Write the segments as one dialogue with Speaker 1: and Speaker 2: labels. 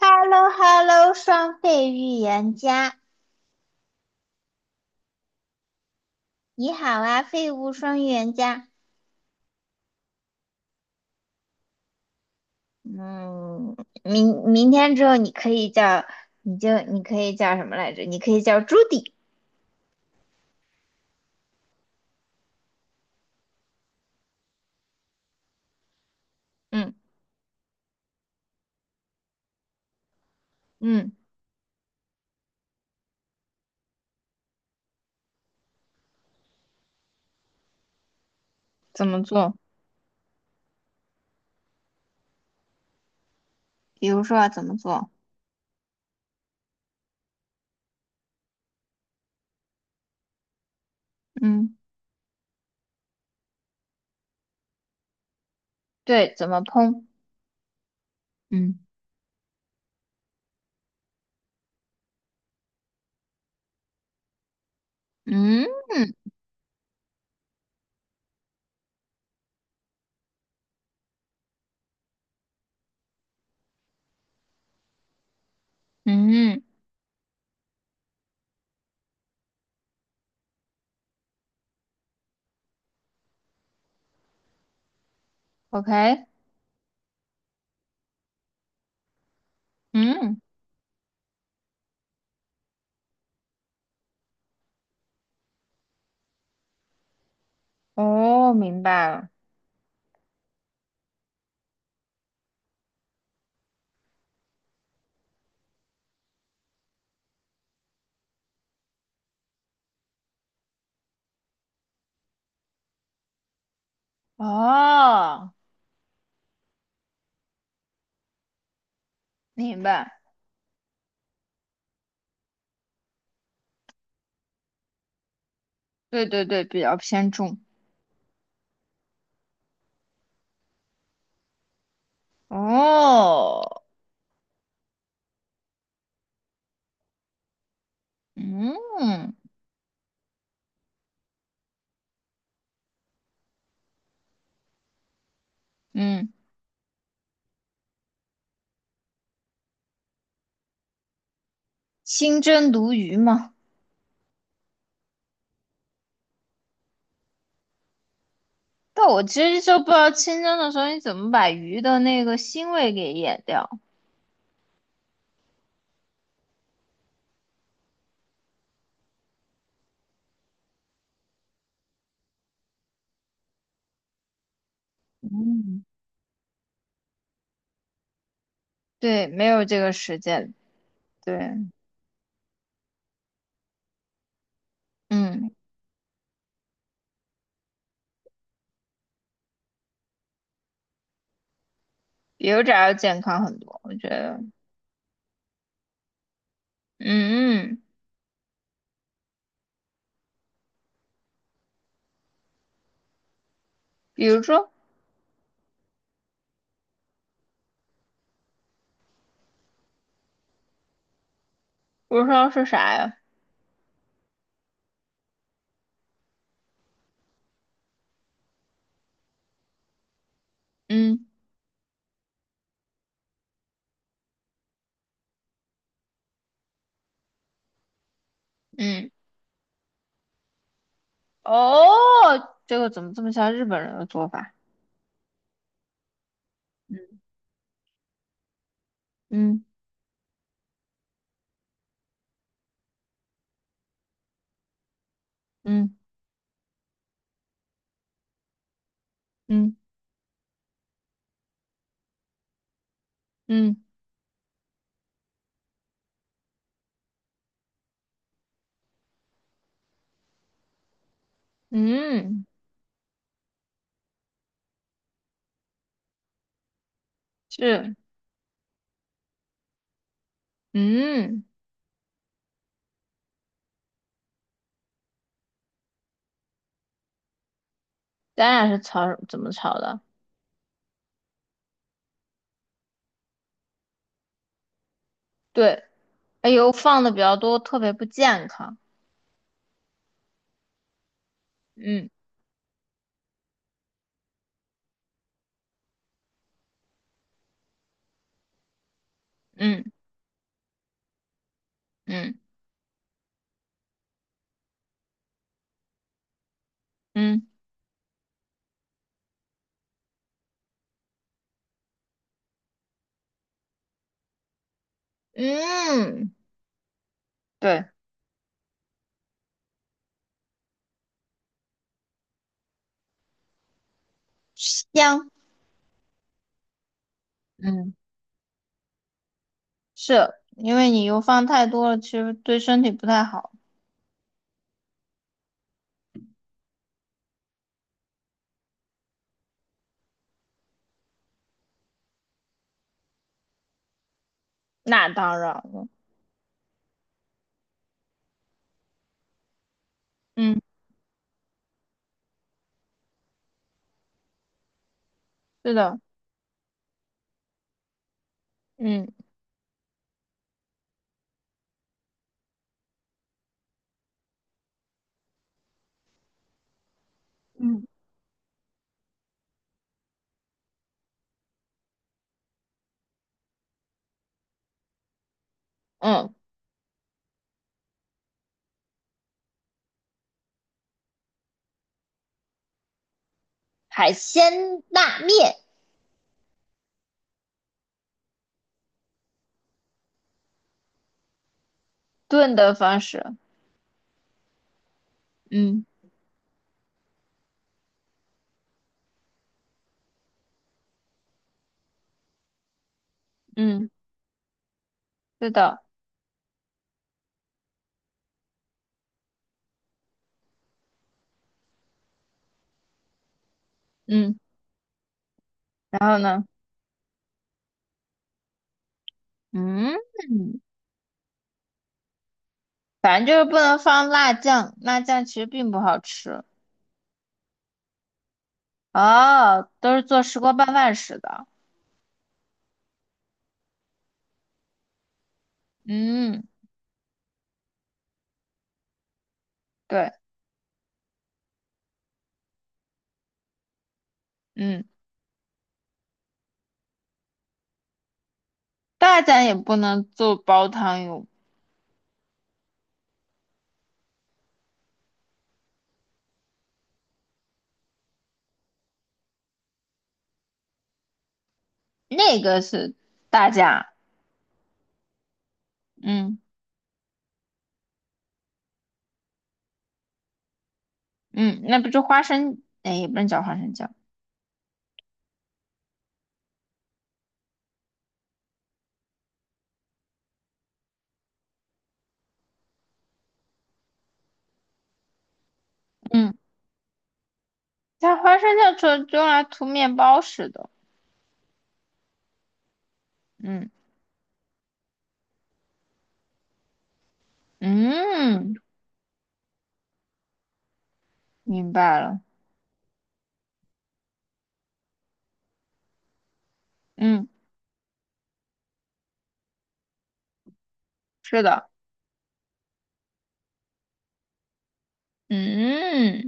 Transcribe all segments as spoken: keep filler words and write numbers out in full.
Speaker 1: h e l l o h e l l o 双废预言家，你好啊，废物双预言家。嗯。明明天之后你可以叫，你就你可以叫什么来着？你可以叫朱迪。嗯嗯。怎么做？比如说啊怎么做？嗯。对，怎么烹？嗯。嗯。嗯，OK。嗯。哦，明白了。哦，明白。对对对，比较偏重。哦。嗯嗯。清蒸鲈鱼嘛。但我其实就不知道清蒸的时候你怎么把鱼的那个腥味给掩掉。嗯。对，没有这个实践。对。嗯。比油炸要健康很多，我觉得。嗯。嗯。比如说，比如说是啥呀？嗯。嗯。哦，这个怎么这么像日本人的做法？嗯，嗯。嗯。嗯。嗯。嗯。嗯。是。嗯。咱俩是炒怎么炒的？对。哎呦，放的比较多，特别不健康。嗯。嗯。嗯。嗯。嗯。对，香。嗯。是因为你油放太多了，其实对身体不太好。那当然了。嗯。是的。嗯。嗯。嗯。海鲜拉面。炖的方式。嗯。嗯。是的。嗯。然后呢？嗯。反正就是不能放辣酱，辣酱其实并不好吃。哦，都是做石锅拌饭使的。嗯。对。嗯。大家也不能做煲汤用。那个是大家。嗯。嗯。那不就花生，哎，也不能叫花生酱。嗯。它花生酱就就用来涂面包似的。嗯。嗯。明白了。嗯。是的。嗯。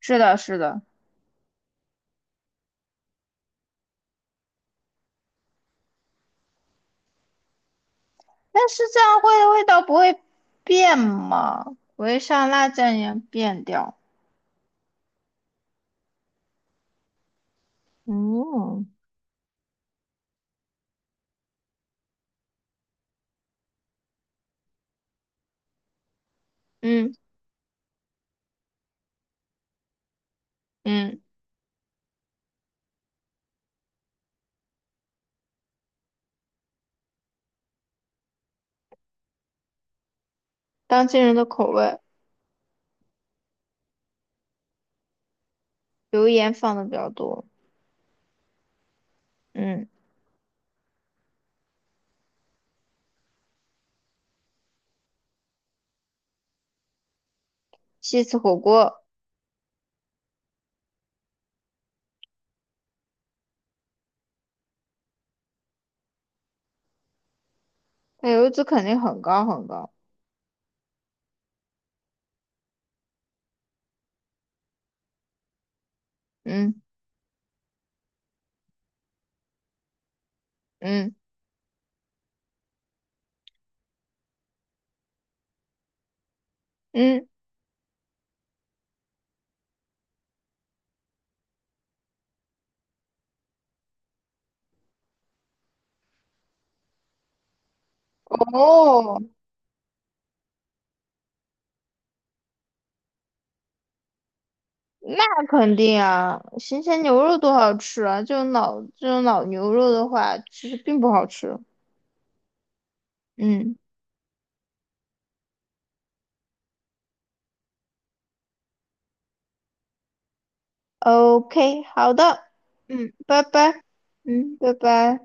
Speaker 1: 是的。是的。但是这样会味道不会变吗？不会像辣酱一样变掉？嗯。嗯。嗯。当今人的口味。油盐放的比较多。嗯。西式火锅。它油脂肯定很高很高。嗯。嗯。嗯。哦，那肯定啊，新鲜牛肉多好吃啊！这种老这种老牛肉的话，其实并不好吃。嗯，OK，好的。嗯，拜拜。嗯，拜拜。